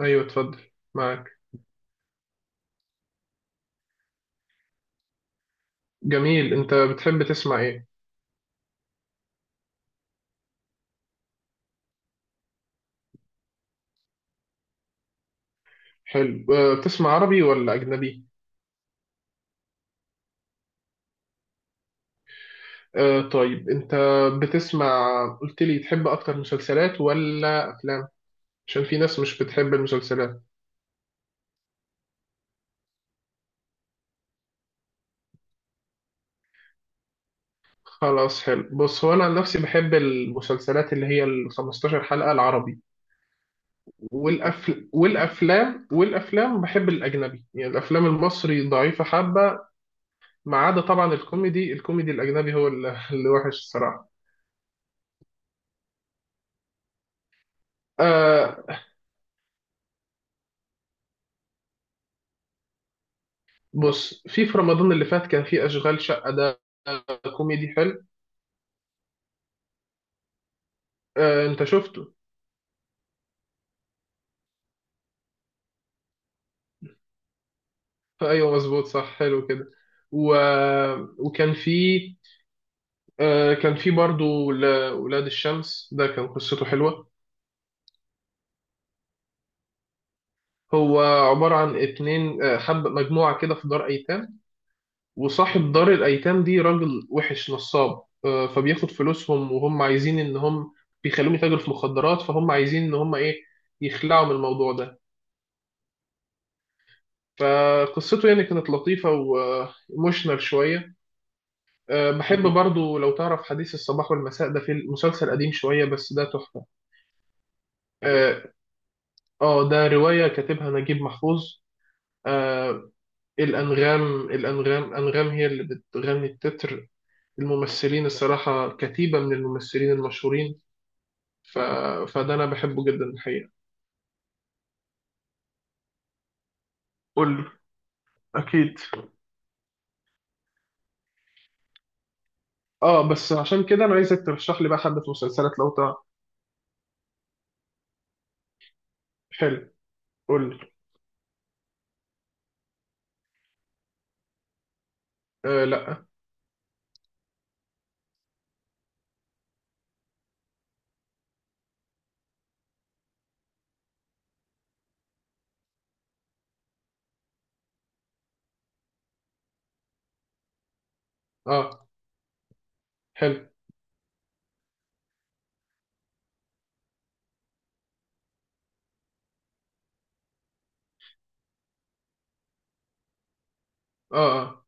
ايوه، اتفضل. معاك. جميل، انت بتحب تسمع ايه؟ حلو. بتسمع عربي ولا اجنبي؟ طيب، انت بتسمع، قلت لي تحب اكتر مسلسلات ولا افلام؟ عشان في ناس مش بتحب المسلسلات. خلاص، حلو. بص، هو انا عن نفسي بحب المسلسلات اللي هي ال 15 حلقة العربي. والافلام بحب الاجنبي، يعني الافلام المصري ضعيفة حبة. ما عدا طبعا الكوميدي الاجنبي، هو اللي وحش الصراحة. آه، بص، في رمضان اللي فات كان في اشغال شقه ده، كوميدي حلو. آه، انت شفته؟ ايوه، مظبوط، صح، حلو كده. و... وكان في آه كان في برضو ولاد الشمس، ده كان قصته حلوه. هو عباره عن اتنين، حب مجموعه كده في دار ايتام، وصاحب دار الايتام دي راجل وحش نصاب، فبياخد فلوسهم، وهم عايزين ان هم بيخلوهم يتاجروا في مخدرات، فهم عايزين ان هم ايه، يخلعوا من الموضوع ده. فقصته يعني كانت لطيفة وموشنال شوية. بحب برضو، لو تعرف، حديث الصباح والمساء، ده في مسلسل قديم شوية بس ده تحفة. اه. ده رواية كاتبها نجيب محفوظ. أه. الأنغام، أنغام هي اللي بتغني التتر. الممثلين الصراحة كتيبة من الممثلين المشهورين. ف... فده أنا بحبه جدا الحقيقة. قول لي. أكيد. اه، بس عشان كده أنا عايزك ترشح لي بقى حبة مسلسلات لو تعرف. حلو. قول لي. آه لا. اه، حلو، اه، اه،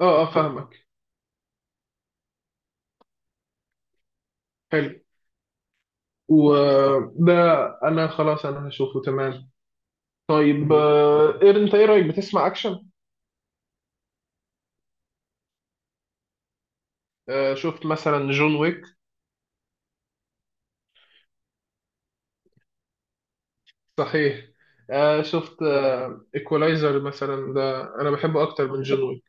اه، اه، فاهمك، حلو. وده، انا خلاص انا هشوفه، تمام. طيب، انت ايه رايك، بتسمع اكشن؟ شفت مثلا جون ويك؟ صحيح. شفت ايكولايزر مثلا؟ ده انا بحبه اكتر من جون ويك.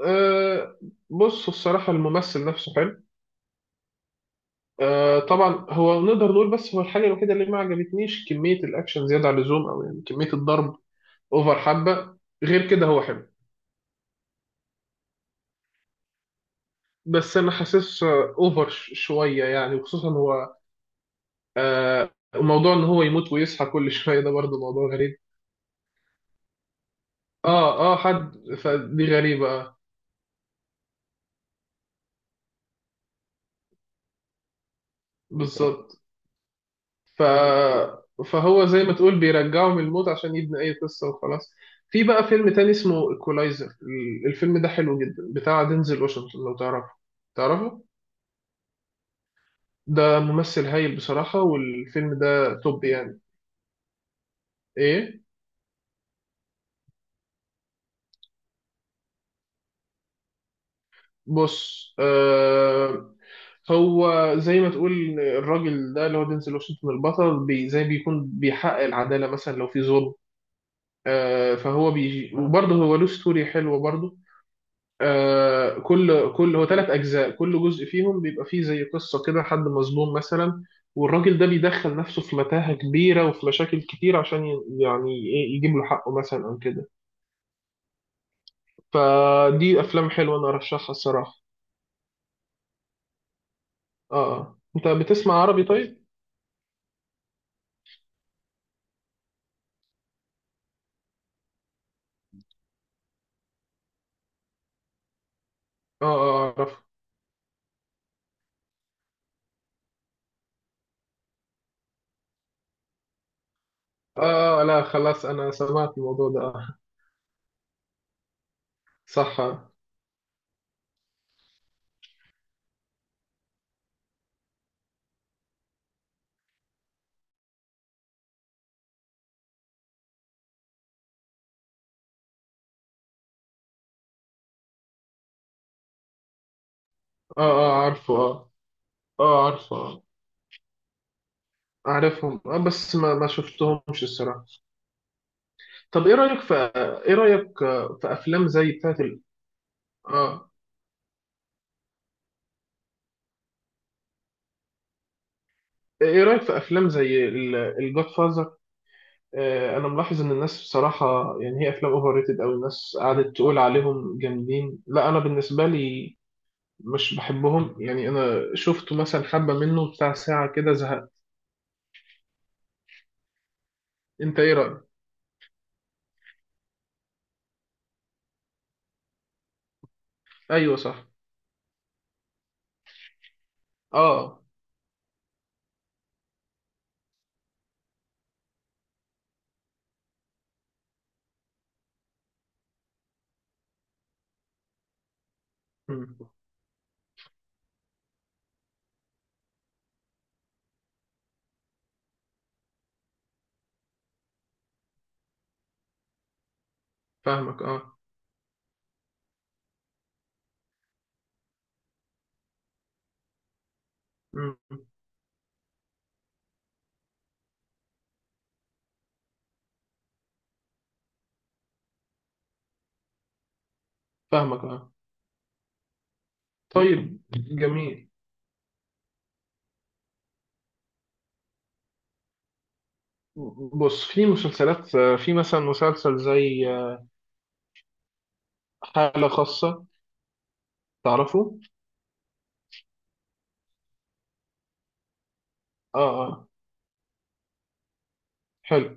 آه، بص الصراحه الممثل نفسه حلو. طبعا، هو نقدر نقول، بس هو الحاجه الوحيده اللي ما عجبتنيش كميه الاكشن زياده عن اللزوم، او يعني كميه الضرب اوفر حبه. غير كده هو حلو. بس انا حاسس اوفر شويه يعني، وخصوصا هو آه وموضوع ان هو يموت ويصحى كل شويه، ده برضه موضوع غريب. اه اه. حد، فدي غريبه. بالظبط. ف فهو زي ما تقول بيرجعه من الموت عشان يبني اي قصه وخلاص. في بقى فيلم تاني اسمه ايكولايزر، الفيلم ده حلو جدا، بتاع دينزل واشنطن، لو تعرفه. تعرفه. ده ممثل هايل بصراحه، والفيلم ده توب يعني. ايه. بص، هو زي ما تقول، الراجل ده اللي هو دينزل واشنطن البطل بي زي، بيكون بيحقق العدالة، مثلا لو في ظلم. آه، فهو بيجي وبرضه هو له ستوري حلوة برضه. آه، كل هو ثلاث أجزاء، كل جزء فيهم بيبقى فيه زي قصة كده، حد مظلوم مثلا، والراجل ده بيدخل نفسه في متاهة كبيرة وفي مشاكل كتير، عشان يعني إيه، يجيب له حقه مثلا أو كده. فدي أفلام حلوة أنا أرشحها الصراحة. آه آه. أنت بتسمع عربي طيب؟ آه. آه أعرف. آه آه، لا خلاص أنا سمعت الموضوع ده. صح آه. آه عارفه آه. آه عارفه آه. أعرفهم آه، بس ما شفتهمش الصراحة. طب إيه رأيك في، إيه رأيك في أفلام زي بتاعت آه إيه رأيك في أفلام زي الجاد فازر؟ آه، أنا ملاحظ إن الناس بصراحة يعني، هي أفلام أوفر ريتد أوي، الناس قعدت تقول عليهم جامدين، لا أنا بالنسبة لي مش بحبهم يعني. أنا شفته مثلا حبة منه بتاع ساعة كده زهقت. أنت إيه رأيك؟ أيوه صح. آه مم. فاهمك اه. مم. فاهمك اه. طيب جميل. بص، في مسلسلات، في مثلا مسلسل زي، حالة خاصة، تعرفه؟ اه اه. حلو.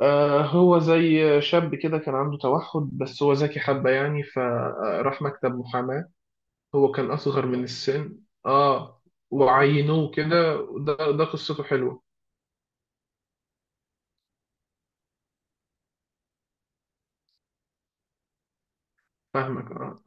آه، هو زي شاب كده كان عنده توحد، بس هو ذكي حبة يعني، فراح مكتب محاماة. هو كان أصغر من السن. اه. وعينوه كده، ده قصته حلوة. فاهمك آه.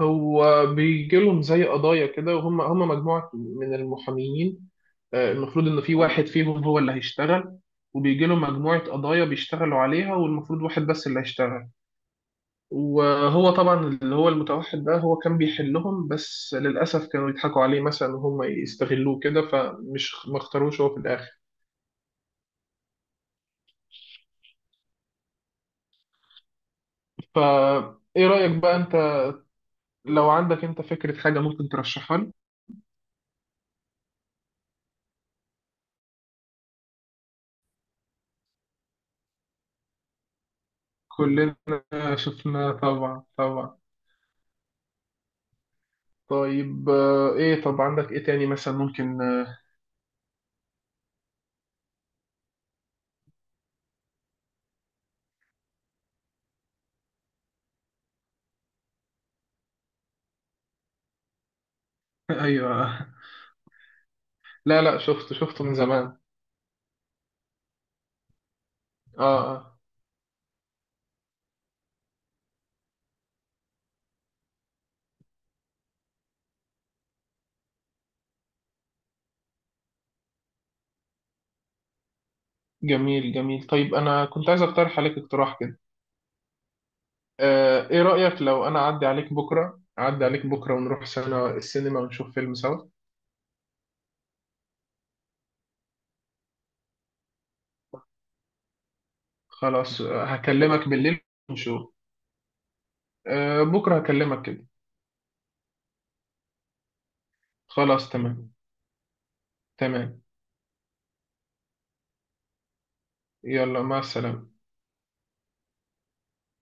هو بيجي لهم زي قضايا كده، وهم مجموعة من المحاميين. آه، المفروض إن في واحد فيهم هو اللي هيشتغل، وبيجي لهم مجموعة قضايا بيشتغلوا عليها، والمفروض واحد بس اللي هيشتغل. وهو طبعا اللي هو المتوحد ده، هو كان بيحلهم، بس للأسف كانوا يضحكوا عليه مثلا وهم يستغلوه كده، فمش ما اختاروش هو في الآخر. فا إيه رأيك بقى أنت، لو عندك أنت فكرة حاجة ممكن ترشحها لي؟ كلنا شفنا، طبعا طبعا. طيب، ايه، طب عندك ايه تاني مثلا ممكن؟ ايوه. لا لا، شفته من زمان. اه آه. جميل جميل، طيب انا كنت عايز اقترح عليك اقتراح كده. آه، ايه رأيك، لو انا اعدي عليك بكرة، ونروح سنة السينما ونشوف فيلم سوا؟ خلاص، هكلمك بالليل ونشوف. آه، بكرة هكلمك كده. خلاص، تمام. تمام. يلا، مع السلامة.